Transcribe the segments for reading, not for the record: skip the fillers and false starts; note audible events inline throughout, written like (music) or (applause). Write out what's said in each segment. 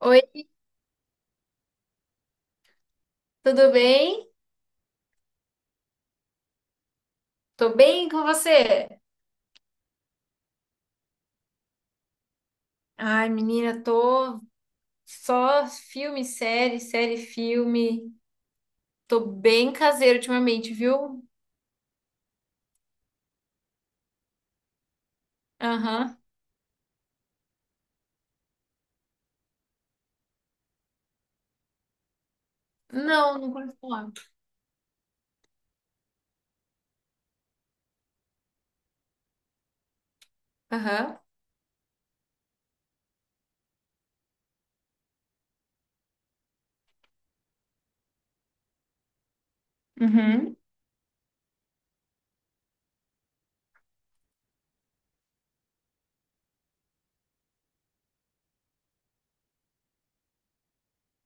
Oi, tudo bem? Tô bem com você? Ai, menina, tô só filme, série, série, filme. Tô bem caseiro ultimamente, viu? Aham. Não, conheço falar. Aham. Uhum.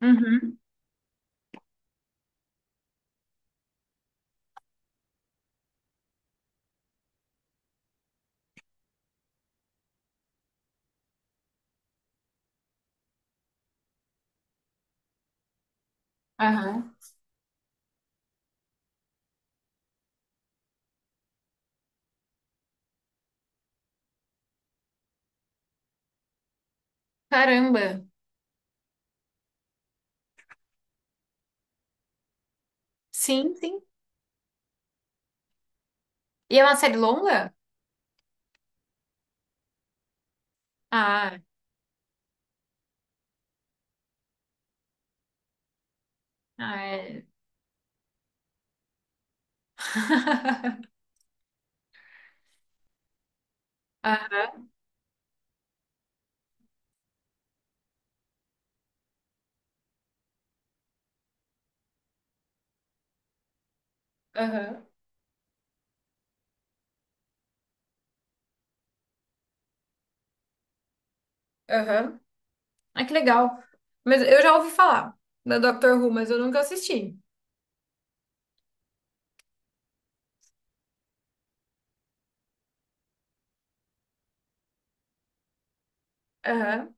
Uhum. Aham. Caramba. Sim, sim. E é uma série longa? Ah, ah, é. (laughs) Ah, aham. Aham. Ah, que legal. Mas eu já ouvi falar da Doctor Who, mas eu nunca assisti. Aham.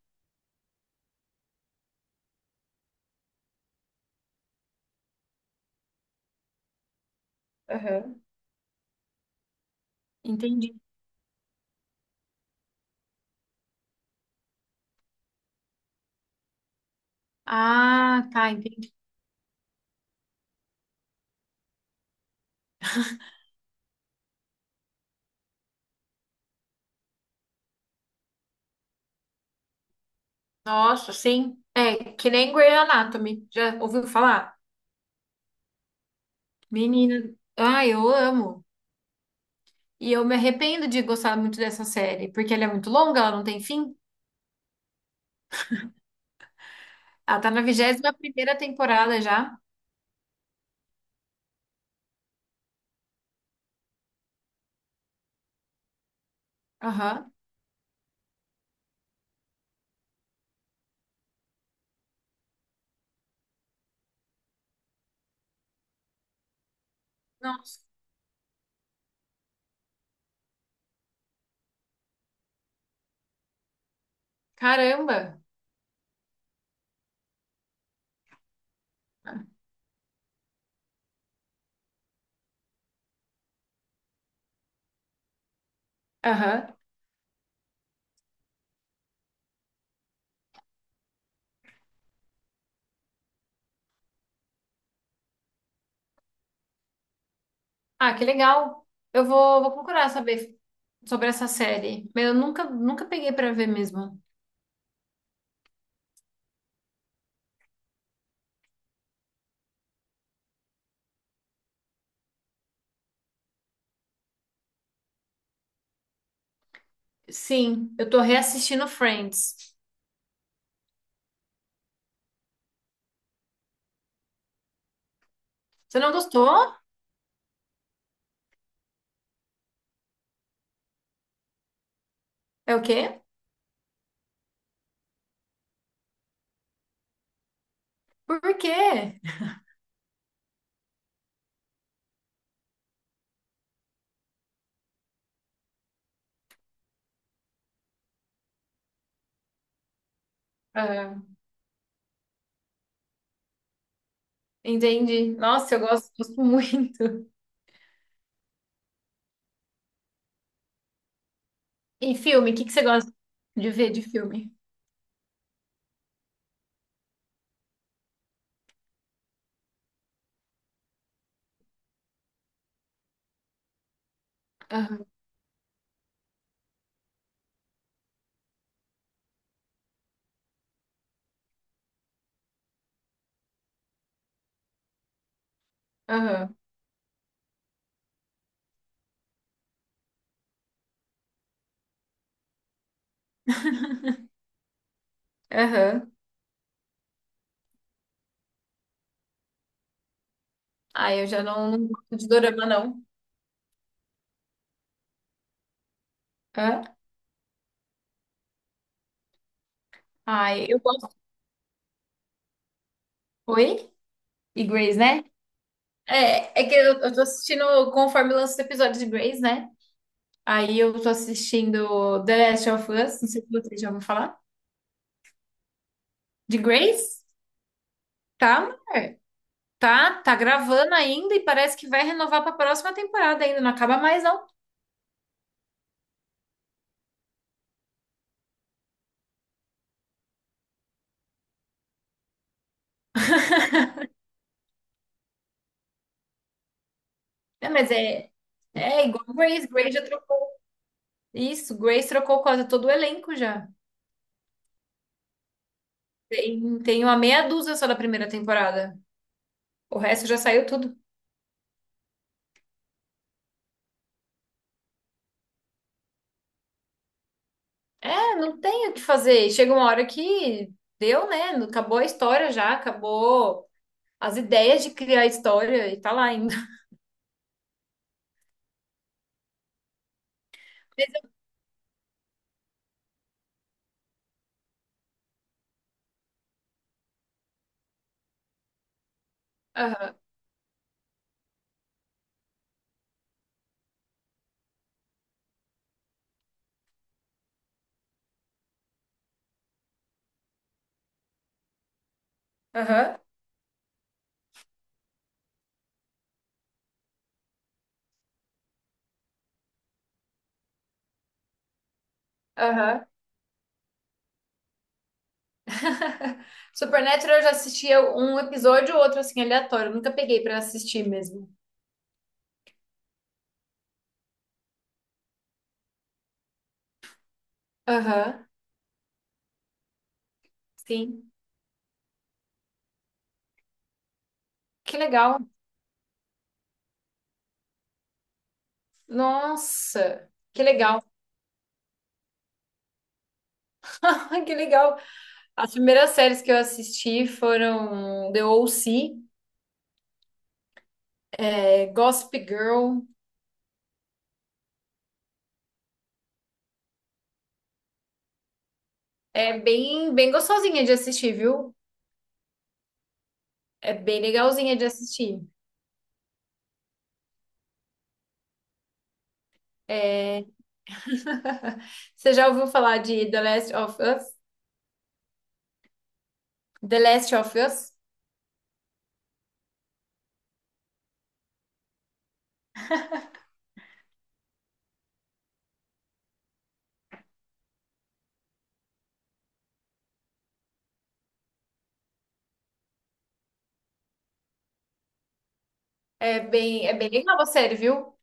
Aham. Entendi. Ah, tá, entendi. Nossa, sim. É, que nem Grey Anatomy. Já ouviu falar? Menina, ah, eu amo. E eu me arrependo de gostar muito dessa série, porque ela é muito longa, ela não tem fim. Ela tá na vigésima primeira temporada já. Aham. Nossa, caramba. Aham. Ah, que legal. Eu vou procurar saber sobre essa série. Mas eu nunca peguei pra ver mesmo. Sim, eu tô reassistindo Friends. Você não gostou? É o quê? Por quê? Ah, entendi. Nossa, eu gosto muito. E filme, o que que você gosta de ver de filme? Aham, aham, aham. Ah, eu já não gosto de dorama, não. Hã? Ai, eu gosto. Oi? E Grey's, né? É, é que eu tô assistindo conforme lança os episódios de Grey's, né? Aí eu tô assistindo The Last of Us, não sei se você já ouviu falar. De Grey's? Tá, mulher. Tá, tá gravando ainda e parece que vai renovar pra próxima temporada ainda. Não acaba mais, não. É, mas é, é igual Grace. Grace já trocou. Isso, Grace trocou quase todo o elenco já. Tem uma meia dúzia só da primeira temporada. O resto já saiu tudo. É, não tem o que fazer. Chega uma hora que deu, né? Acabou a história já, acabou as ideias de criar a história e tá lá ainda. Aham, aham, aham. (laughs) Supernatural eu já assistia um episódio ou outro assim aleatório. Eu nunca peguei pra assistir mesmo. Aham, sim. Que legal. Nossa, que legal. (laughs) Ai, que legal. As primeiras séries que eu assisti foram The O.C., é, Gossip Girl. É bem gostosinha de assistir, viu? É bem legalzinha de assistir. É... (laughs) Você já ouviu falar de The Last of Us? The Last of Us? É bem legal a série, viu?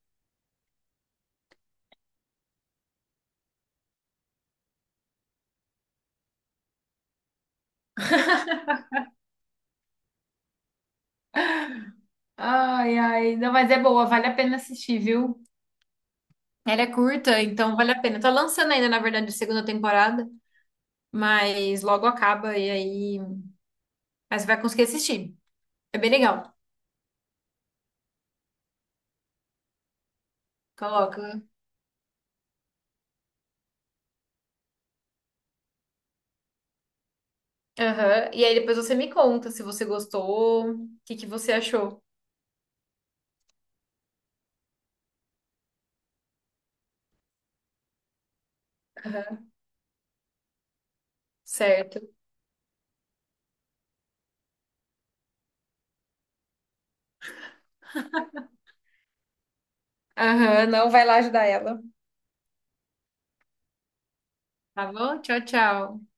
Ai, ai, não, mas é boa, vale a pena assistir, viu? Ela é curta, então vale a pena. Tá lançando ainda, na verdade, a segunda temporada. Mas logo acaba e aí. Mas você vai conseguir assistir. É bem legal. Coloca. Aham. E aí depois você me conta se você gostou, o que que você achou. Aham. Certo. Aham, não vai lá ajudar ela. Tá bom? Tchau, tchau.